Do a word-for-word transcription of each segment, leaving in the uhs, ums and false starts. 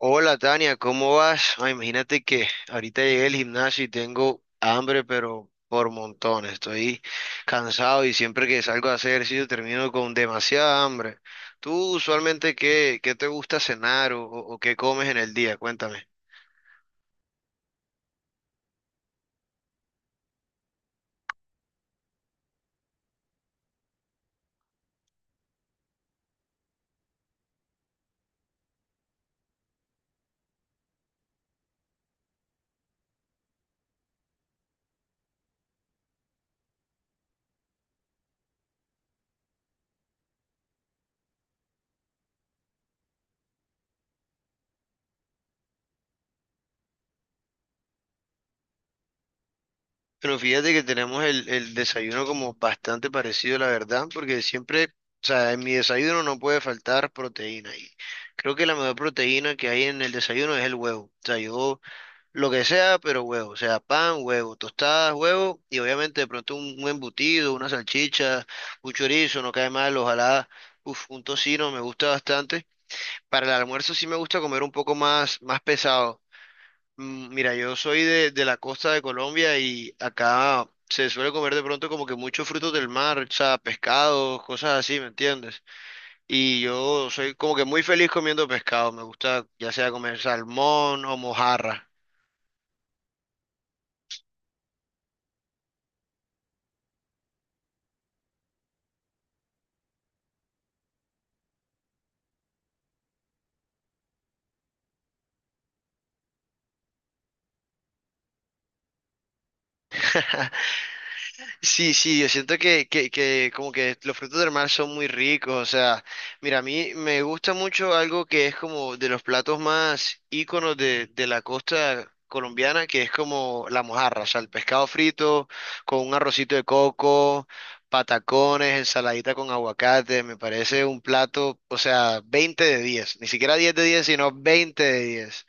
Hola Tania, ¿cómo vas? Ay, imagínate que ahorita llegué al gimnasio y tengo hambre, pero por montones. Estoy cansado y siempre que salgo a hacer ejercicio termino con demasiada hambre. ¿Tú usualmente qué, qué te gusta cenar o, o- o qué comes en el día? Cuéntame. Pero fíjate que tenemos el, el desayuno como bastante parecido, la verdad, porque siempre, o sea, en mi desayuno no puede faltar proteína y creo que la mejor proteína que hay en el desayuno es el huevo. O sea, yo lo que sea, pero huevo, o sea, pan, huevo, tostadas, huevo, y obviamente de pronto un, un embutido, una salchicha, un chorizo, no cae mal, ojalá, uf, un tocino, me gusta bastante. Para el almuerzo sí me gusta comer un poco más, más pesado. Mm, Mira, yo soy de, de la costa de Colombia y acá se suele comer de pronto como que muchos frutos del mar, o sea, pescados, cosas así, ¿me entiendes? Y yo soy como que muy feliz comiendo pescado, me gusta ya sea comer salmón o mojarra. Sí, sí, yo siento que, que, que como que los frutos del mar son muy ricos, o sea, mira, a mí me gusta mucho algo que es como de los platos más íconos de, de la costa colombiana, que es como la mojarra, o sea, el pescado frito con un arrocito de coco, patacones, ensaladita con aguacate, me parece un plato, o sea, veinte de diez, ni siquiera diez de diez, sino veinte de diez.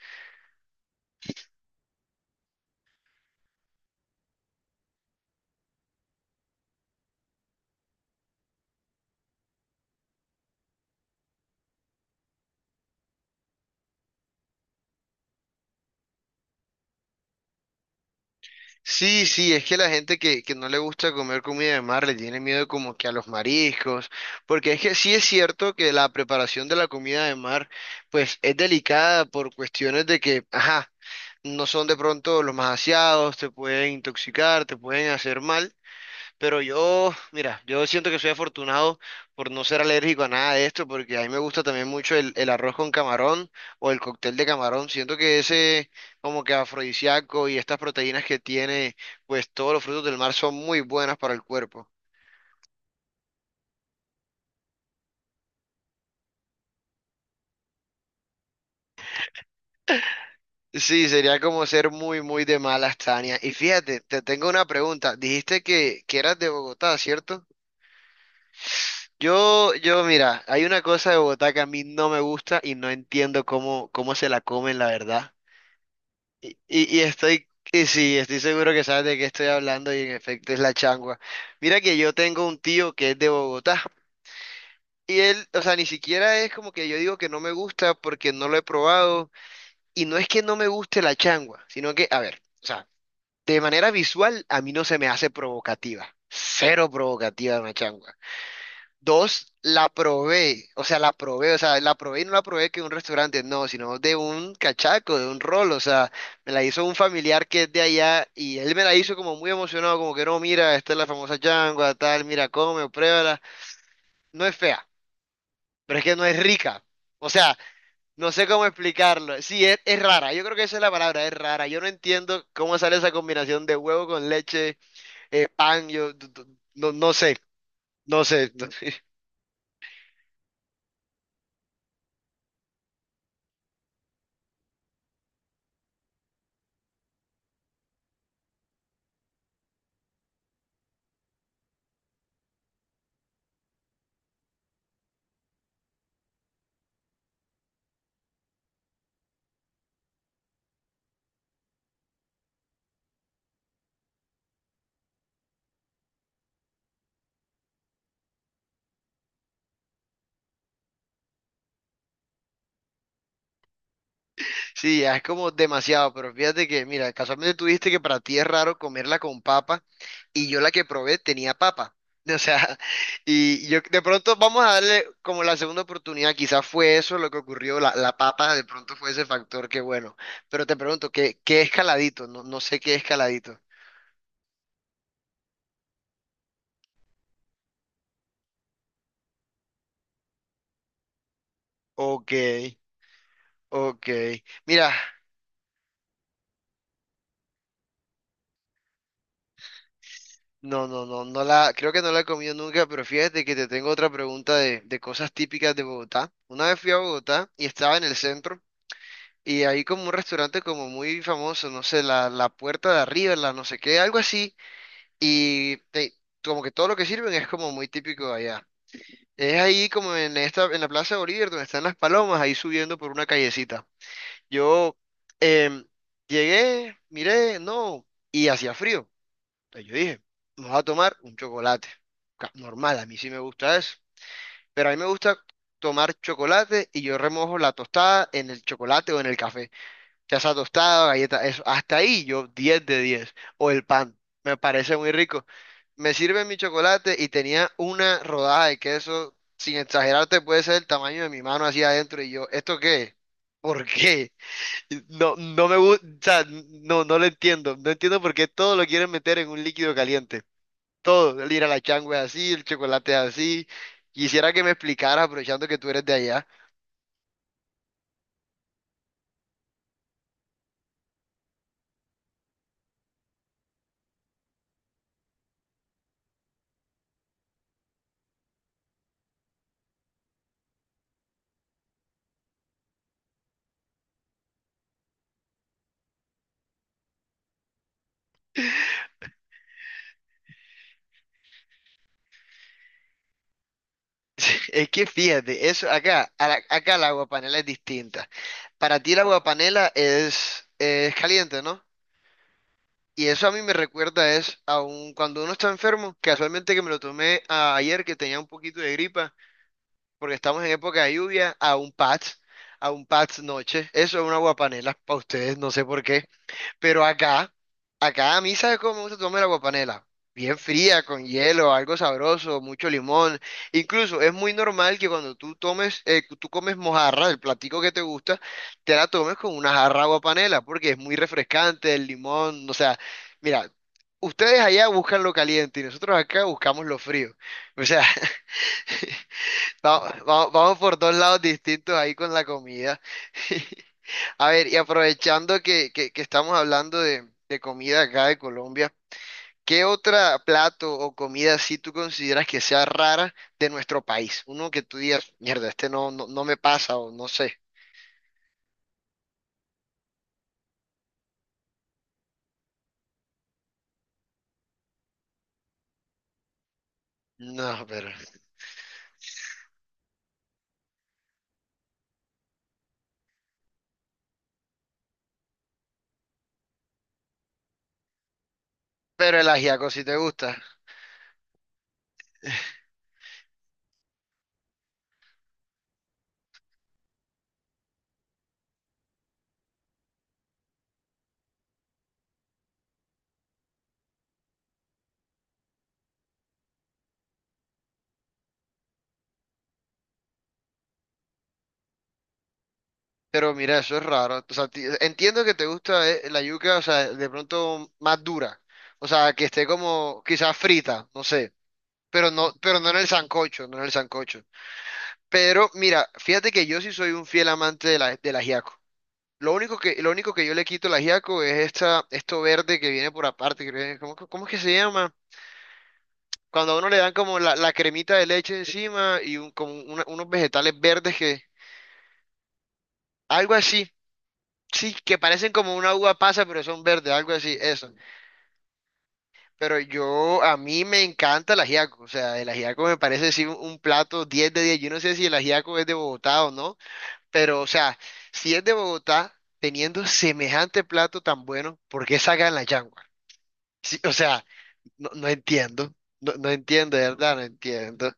Sí, sí, es que la gente que, que no le gusta comer comida de mar le tiene miedo como que a los mariscos, porque es que sí es cierto que la preparación de la comida de mar pues es delicada por cuestiones de que, ajá, no son de pronto los más aseados, te pueden intoxicar, te pueden hacer mal. Pero yo, mira, yo siento que soy afortunado por no ser alérgico a nada de esto, porque a mí me gusta también mucho el, el arroz con camarón o el cóctel de camarón. Siento que ese como que afrodisíaco y estas proteínas que tiene, pues todos los frutos del mar son muy buenas para el cuerpo. Sí, sería como ser muy, muy de malas, Tania. Y fíjate, te tengo una pregunta. Dijiste que, que eras de Bogotá, ¿cierto? Yo, yo, mira, hay una cosa de Bogotá que a mí no me gusta y no entiendo cómo, cómo se la comen, la verdad. Y, y- y estoy, y sí, estoy seguro que sabes de qué estoy hablando y en efecto es la changua. Mira que yo tengo un tío que es de Bogotá y él, o sea, ni siquiera es como que yo digo que no me gusta porque no lo he probado y no es que no me guste la changua, sino que, a ver, o sea, de manera visual a mí no se me hace provocativa, cero provocativa una changua. Dos, la probé, o sea, la probé, o sea, la probé y no la probé que de un restaurante, no, sino de un cachaco, de un rol, o sea, me la hizo un familiar que es de allá y él me la hizo como muy emocionado, como que no, mira, esta es la famosa changua, tal, mira, come, pruébala. No es fea, pero es que no es rica, o sea, no sé cómo explicarlo. Sí, es, es rara, yo creo que esa es la palabra, es rara. Yo no entiendo cómo sale esa combinación de huevo con leche, eh, pan, yo d- d- no, no sé, no sé. Sí, ya es como demasiado, pero fíjate que, mira, casualmente tú dijiste que para ti es raro comerla con papa y yo la que probé tenía papa. O sea, y yo de pronto vamos a darle como la segunda oportunidad, quizás fue eso lo que ocurrió, la, la papa de pronto fue ese factor que bueno, pero te pregunto, ¿qué, qué escaladito? No, no sé qué escaladito. Ok, ok. Mira, no, no, no, no la, creo que no la he comido nunca, pero fíjate que te tengo otra pregunta de, de cosas típicas de Bogotá. Una vez fui a Bogotá y estaba en el centro. Y hay como un restaurante como muy famoso, no sé, la, la puerta de arriba, la no sé qué, algo así. Y te- Como que todo lo que sirven es como muy típico de allá. Es ahí como en esta, en la Plaza Bolívar, donde están las palomas, ahí subiendo por una callecita. Yo em, llegué, miré, no, y hacía frío. Entonces yo dije, vamos a tomar un chocolate. Ca- Normal, a mí sí me gusta eso. Pero a mí me gusta tomar chocolate y yo remojo la tostada en el chocolate o en el café. Casa tostada, galleta, eso. Hasta ahí yo diez de diez. O el pan, me parece muy rico. Me sirve mi chocolate y tenía una rodada de queso, sin exagerarte, puede ser el tamaño de mi mano hacia adentro. Y yo, ¿esto qué es? ¿Por qué? No, no me gusta, o sea, no, no lo entiendo. No entiendo por qué todo lo quieren meter en un líquido caliente. Todo, el ir a la changua es así, el chocolate es así. Quisiera que me explicaras, aprovechando que tú eres de allá. Es que fíjate, eso acá, a la- acá el agua panela es distinta. Para ti el agua panela es, eh, es caliente, ¿no? Y eso a mí me recuerda es a un, cuando uno está enfermo, casualmente que me lo tomé a- ayer que tenía un poquito de gripa, porque estamos en época de lluvia, a un patch, a un patch noche. Eso es un agua panela para ustedes, no sé por qué. Pero acá, acá a mí, ¿sabes cómo me gusta tomarme la guapanela? Bien fría, con hielo, algo sabroso, mucho limón. Incluso es muy normal que cuando tú tomes, eh, tú comes mojarra, el platico que te gusta, te la tomes con una jarra de guapanela, porque es muy refrescante, el limón, o sea, mira, ustedes allá buscan lo caliente y nosotros acá buscamos lo frío. O sea, vamos, vamos vamos por dos lados distintos ahí con la comida. A ver, y aprovechando que, que- que estamos hablando de, de comida acá de Colombia, ¿qué otra plato o comida si tú consideras que sea rara de nuestro país? Uno que tú digas, mierda, este no, no, no me pasa o no sé. No, pero, pero el ajiaco sí te gusta. Pero mira, eso es raro. O sea, ti- entiendo que te gusta eh, la yuca, o sea, de pronto más dura. O sea, que esté como quizás frita, no sé. Pero no, pero no en el sancocho, no en el sancocho. Pero mira, fíjate que yo sí soy un fiel amante de la, del ajiaco. Lo único que, lo único que yo le quito al ajiaco es esta, esto verde que viene por aparte. creo que- viene- ¿Cómo, cómo es que se llama? Cuando a uno le dan como la, la cremita de leche encima y un- como una- unos vegetales verdes que... Algo así. Sí, que parecen como una uva pasa, pero son verdes, algo así, eso. Pero yo, a mí me encanta el ajiaco. O sea, el ajiaco me parece sí un, un plato diez de diez. Yo no sé si el ajiaco es de Bogotá o no. Pero, o sea, si es de Bogotá, teniendo semejante plato tan bueno, ¿por qué sacan la changua? Sí, o sea, no, no entiendo, no, no entiendo, de verdad, no entiendo.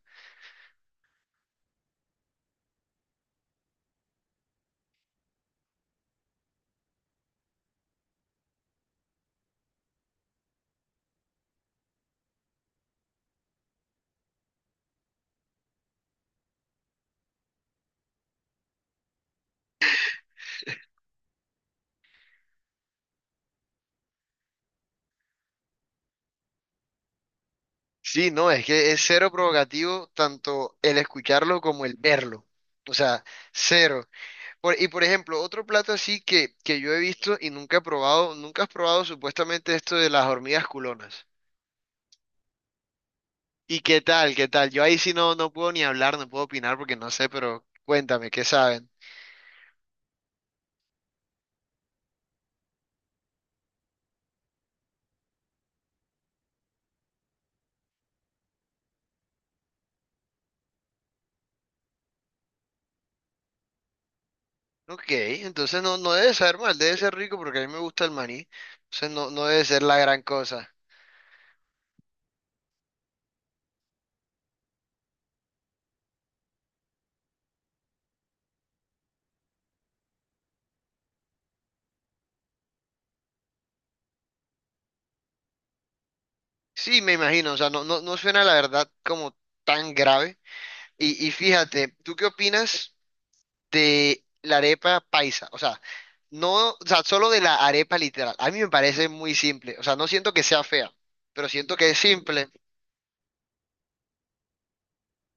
Sí, no, es que es cero provocativo tanto el escucharlo como el verlo. O sea, cero. Por- y por ejemplo, otro plato así que, que yo he visto y nunca he probado, nunca has probado supuestamente esto de las hormigas culonas. ¿Y qué tal? ¿Qué tal? Yo ahí sí no, no puedo ni hablar, no puedo opinar porque no sé, pero cuéntame, ¿qué saben? Ok, entonces no, no debe saber mal, debe ser rico porque a mí me gusta el maní. Entonces no, no debe ser la gran cosa. Sí, me imagino, o sea, no, no, no suena la verdad como tan grave. Y, y fíjate, ¿tú qué opinas de la arepa paisa? O sea, no, o sea, solo de la arepa literal. A mí me parece muy simple, o sea, no siento que sea fea, pero siento que es simple.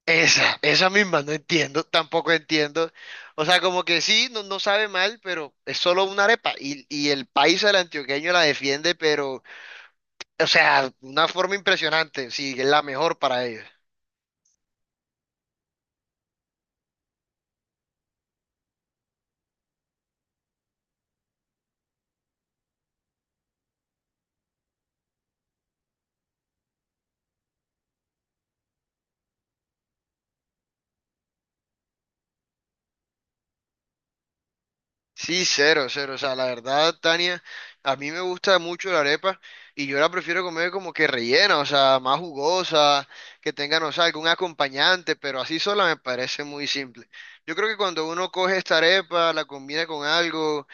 Esa, esa misma, no entiendo, tampoco entiendo. O sea, como que sí, no, no sabe mal, pero es solo una arepa. Y, y el país del antioqueño la defiende, pero, o sea, una forma impresionante, sí, es la mejor para ellos. Sí, cero, cero. O sea, la verdad, Tania, a mí me gusta mucho la arepa y yo la prefiero comer como que rellena, o sea, más jugosa, que tenga, no sé, algún acompañante, pero así sola me parece muy simple. Yo creo que cuando uno coge esta arepa, la combina con algo,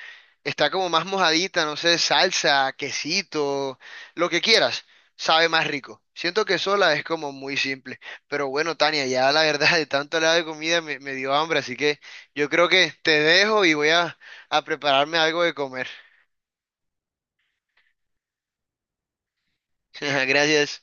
está como más mojadita, no sé, salsa, quesito, lo que quieras, sabe más rico. Siento que sola es como muy simple. Pero bueno, Tania, ya la verdad, de tanto hablar de comida me, me dio hambre, así que... Yo creo que te dejo y voy a a prepararme algo de comer. Gracias.